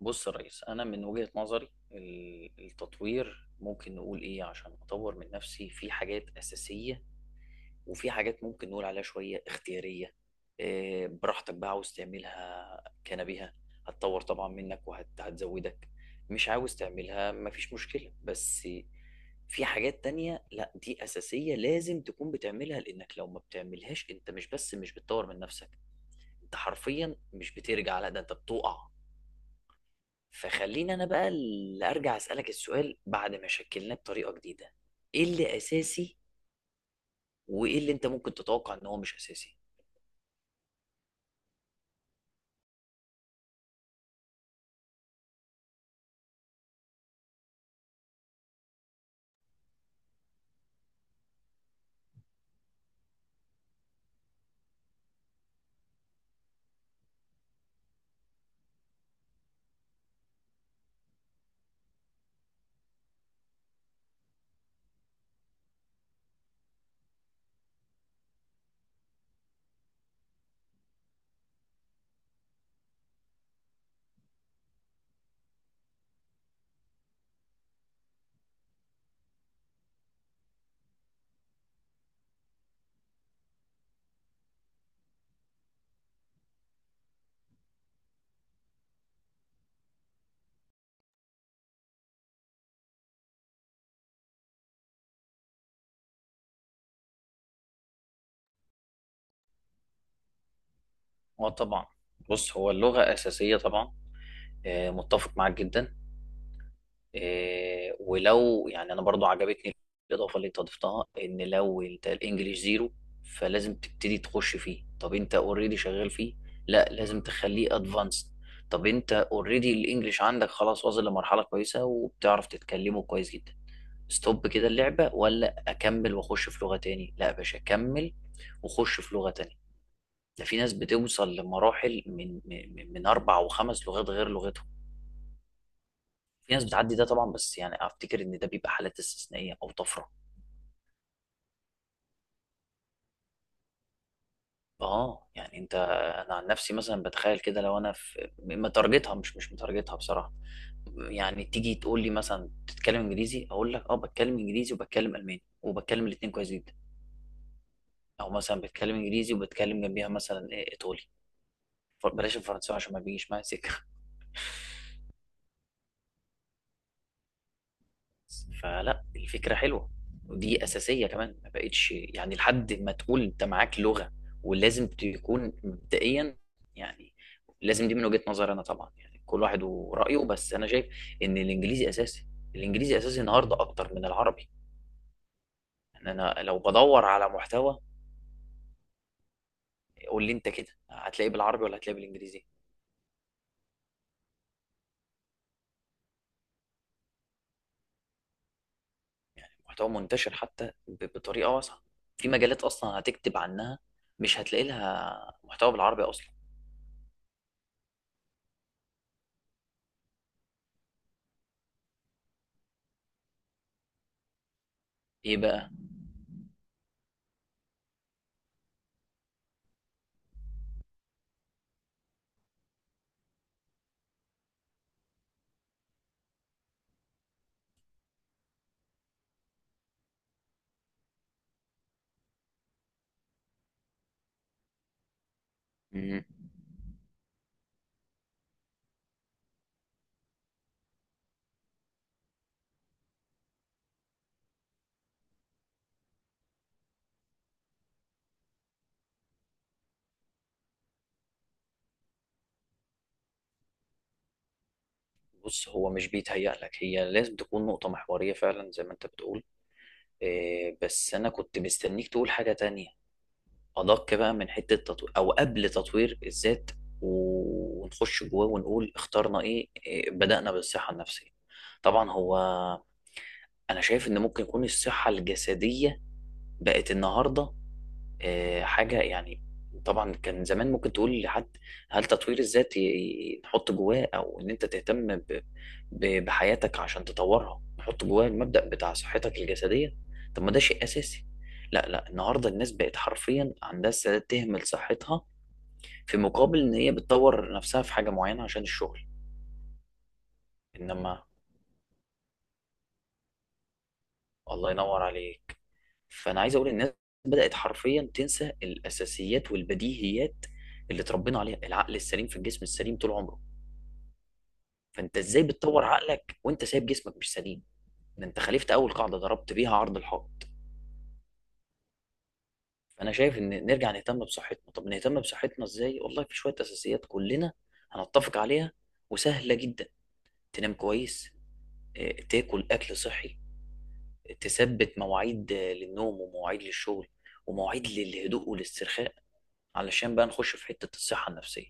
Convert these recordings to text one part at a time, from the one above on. بص يا ريس، انا من وجهة نظري التطوير ممكن نقول ايه. عشان اطور من نفسي في حاجات اساسية، وفي حاجات ممكن نقول عليها شوية اختيارية. براحتك بقى عاوز تعملها كنبيها، هتطور طبعا منك وهتزودك. مش عاوز تعملها مفيش مشكلة. بس في حاجات تانية لا، دي اساسية لازم تكون بتعملها، لانك لو ما بتعملهاش انت مش بس مش بتطور من نفسك، انت حرفيا مش بترجع، لا ده انت بتقع. فخليني انا بقى اللي ارجع اسالك السؤال بعد ما شكلناه بطريقه جديده. ايه اللي اساسي وايه اللي انت ممكن تتوقع ان هو مش اساسي. اه طبعا. بص هو اللغة أساسية طبعا. متفق معاك جدا. ولو يعني أنا برضو عجبتني الإضافة اللي أنت ضفتها، إن لو أنت الإنجليش زيرو فلازم تبتدي تخش فيه. طب أنت أوريدي شغال فيه، لا لازم تخليه أدفانسد. طب أنت أوريدي الإنجليش عندك خلاص، واصل لمرحلة كويسة وبتعرف تتكلمه كويس جدا، ستوب كده اللعبة ولا أكمل وأخش في لغة تاني؟ لا يا باشا، أكمل وأخش في لغة تانية. ده في ناس بتوصل لمراحل من أربع وخمس لغات غير لغتهم. في ناس بتعدي ده طبعا، بس يعني أفتكر إن ده بيبقى حالات استثنائية أو طفرة. آه يعني أنت، أنا عن نفسي مثلا بتخيل كده، لو أنا في متارجتها، مش متارجتها بصراحة، يعني تيجي تقول لي مثلا بتتكلم إنجليزي، أقول لك آه بتكلم إنجليزي وبتكلم ألماني وبتكلم الاتنين كويس جدا. أو مثلا بتكلم إنجليزي وبتكلم جنبيها مثلا إيطالي. فبلاش الفرنساوي عشان ما بيجيش معايا سكه. فلا الفكره حلوه، ودي اساسيه كمان، ما بقتش يعني لحد ما تقول انت معاك لغه ولازم تكون مبدئيا يعني. لازم دي من وجهه نظري انا طبعا، يعني كل واحد ورايه، بس انا شايف ان الانجليزي اساسي. الانجليزي اساسي النهارده اكتر من العربي. يعني انا لو بدور على محتوى، قول لي انت كده هتلاقيه بالعربي ولا هتلاقيه بالانجليزي؟ محتوى منتشر حتى بطريقه واسعه، في مجالات اصلا هتكتب عنها مش هتلاقي لها محتوى بالعربي اصلا. ايه بقى. مم. بص هو مش بيتهيأ لك، هي لازم تكون نقطة محورية فعلا زي ما انت بتقول. إيه، بس انا كنت مستنيك تقول حاجة تانية ادق بقى من حتة تطوير، او قبل تطوير الذات ونخش جواه ونقول اخترنا ايه، بدأنا بالصحة النفسية. طبعا هو انا شايف ان ممكن يكون الصحة الجسدية بقت النهاردة حاجة يعني، طبعا كان زمان ممكن تقول لحد، هل تطوير الذات نحط جواه او ان انت تهتم بحياتك عشان تطورها، نحط جواه المبدأ بتاع صحتك الجسدية. طب ما ده شيء اساسي. لا لا، النهارده الناس بقت حرفيا عندها استعداد تهمل صحتها في مقابل ان هي بتطور نفسها في حاجة معينة عشان الشغل. انما الله ينور عليك، فانا عايز اقول الناس بدات حرفيا تنسى الاساسيات والبديهيات اللي اتربينا عليها. العقل السليم في الجسم السليم طول عمره. فانت ازاي بتطور عقلك وانت سايب جسمك مش سليم؟ ده انت خالفت اول قاعده، ضربت بيها عرض الحائط. فانا شايف ان نرجع نهتم بصحتنا. طب نهتم بصحتنا ازاي؟ والله في شويه اساسيات كلنا هنتفق عليها، وسهله جدا. تنام كويس، تاكل اكل صحي، تثبت مواعيد للنوم ومواعيد للشغل ومواعيد للهدوء والاسترخاء، علشان بقى نخش في حتة الصحة النفسية.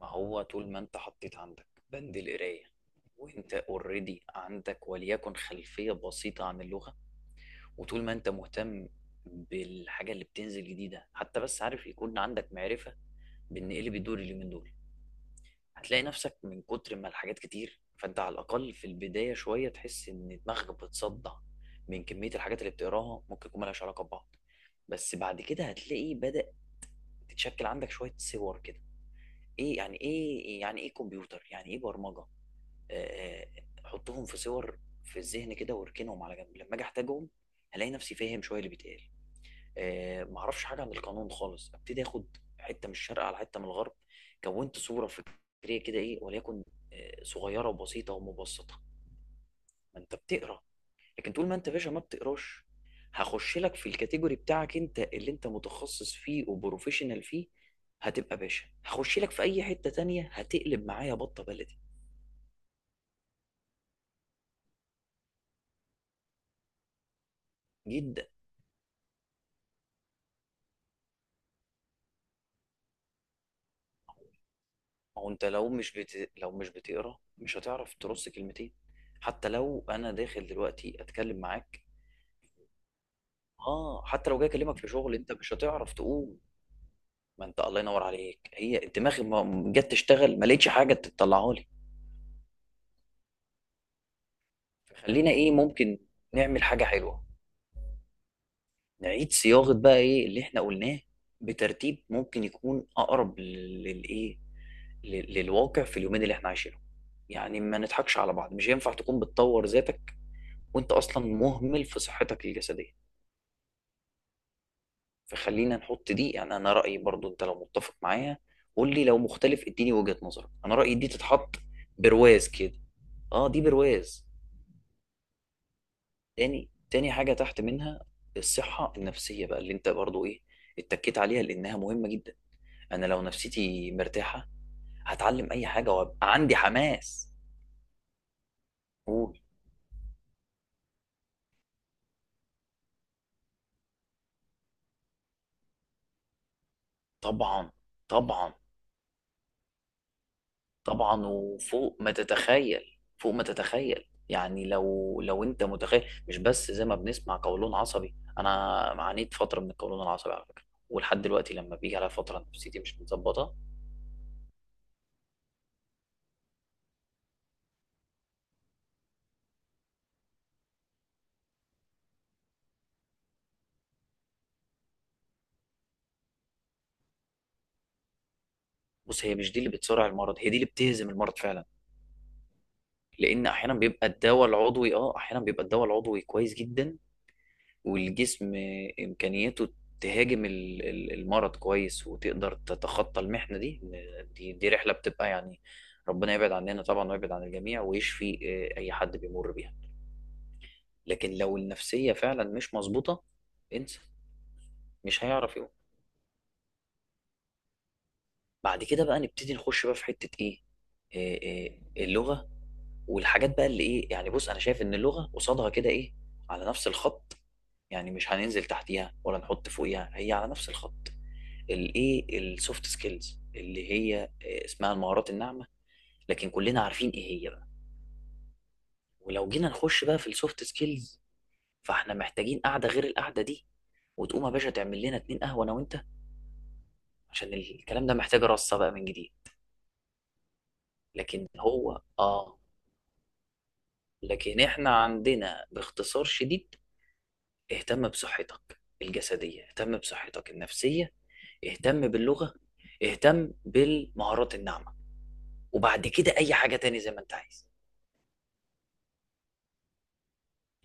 ما هو طول ما انت حطيت عندك بند القراية، وانت اوريدي عندك وليكن خلفية بسيطة عن اللغة، وطول ما انت مهتم بالحاجة اللي بتنزل جديدة، حتى بس عارف يكون عندك معرفة بان ايه اللي بيدور اليومين دول، هتلاقي نفسك من كتر ما الحاجات كتير فانت على الاقل في البداية شوية تحس ان دماغك بتصدع من كمية الحاجات اللي بتقراها، ممكن يكون ملهاش علاقة ببعض. بس بعد كده هتلاقي بدأ تتشكل عندك شوية صور كده، ايه يعني، ايه يعني، ايه كمبيوتر، يعني ايه برمجه. آه، آه، حطهم في صور في الذهن كده واركنهم على جنب لما اجي احتاجهم، هلاقي نفسي فاهم شويه اللي بيتقال. معرفش حاجه عن القانون خالص، ابتدي اخد حته من الشرق على حته من الغرب، كونت صوره فكريه كده، ايه وليكن صغيره وبسيطه ومبسطه. ما انت بتقرا. لكن طول ما انت يا باشا ما بتقراش، هخش لك في الكاتيجوري بتاعك انت اللي انت متخصص فيه وبروفيشنال فيه، هتبقى باشا. هخش لك في اي حتة تانية، هتقلب معايا بطة بلدي. جدا. ما هو انت لو مش لو مش بتقرا مش هتعرف ترص كلمتين. حتى لو انا داخل دلوقتي اتكلم معاك، اه حتى لو جاي اكلمك في شغل انت مش هتعرف تقوم. ما انت الله ينور عليك، هي انت دماغي ما جت تشتغل ما لقيتش حاجة تطلعها لي. فخلينا ايه، ممكن نعمل حاجة حلوة، نعيد صياغة بقى ايه اللي احنا قلناه بترتيب ممكن يكون اقرب للايه، للواقع في اليومين اللي احنا عايشينهم. يعني ما نضحكش على بعض، مش هينفع تكون بتطور ذاتك وانت اصلا مهمل في صحتك الجسدية. فخلينا نحط دي، يعني انا رأيي، برضو انت لو متفق معايا قول لي، لو مختلف اديني وجهة نظرك، انا رأيي دي تتحط برواز كده. اه دي برواز. تاني، حاجة تحت منها الصحة النفسية بقى اللي انت برضو ايه اتكيت عليها لانها مهمة جدا. انا لو نفسيتي مرتاحه هتعلم اي حاجه وابقى عندي حماس. قول. طبعا طبعا. طبعا وفوق ما تتخيل، فوق ما تتخيل. يعني لو انت متخيل، مش بس زي ما بنسمع قولون عصبي، انا عانيت فتره من القولون العصبي على فكره، ولحد دلوقتي لما بيجي على فتره نفسيتي مش متظبطه. بص هي مش دي اللي بتسرع المرض، هي دي اللي بتهزم المرض فعلا. لان احيانا بيبقى الدواء العضوي، اه احيانا بيبقى الدواء العضوي كويس جدا، والجسم إمكانيته تهاجم المرض كويس وتقدر تتخطى المحنة دي، إن دي رحلة بتبقى يعني، ربنا يبعد عننا طبعا ويبعد عن الجميع، ويشفي أي حد بيمر بيها. لكن لو النفسية فعلا مش مظبوطة، انسى، مش هيعرف يقوم. بعد كده بقى نبتدي نخش بقى في حتة إيه. آه، اللغة. والحاجات بقى اللي إيه يعني، بص أنا شايف إن اللغة قصادها كده إيه، على نفس الخط، يعني مش هننزل تحتيها ولا نحط فوقيها، هي على نفس الخط. الايه السوفت سكيلز، اللي هي اسمها المهارات الناعمه، لكن كلنا عارفين ايه هي بقى. ولو جينا نخش بقى في السوفت سكيلز، فاحنا محتاجين قعده غير القعده دي، وتقوم يا باشا تعمل لنا اتنين قهوه انا وانت، عشان الكلام ده محتاج رصه بقى من جديد. لكن هو اه، لكن احنا عندنا باختصار شديد: اهتم بصحتك الجسديه، اهتم بصحتك النفسيه، اهتم باللغه، اهتم بالمهارات الناعمه، وبعد كده اي حاجه تاني زي ما انت عايز.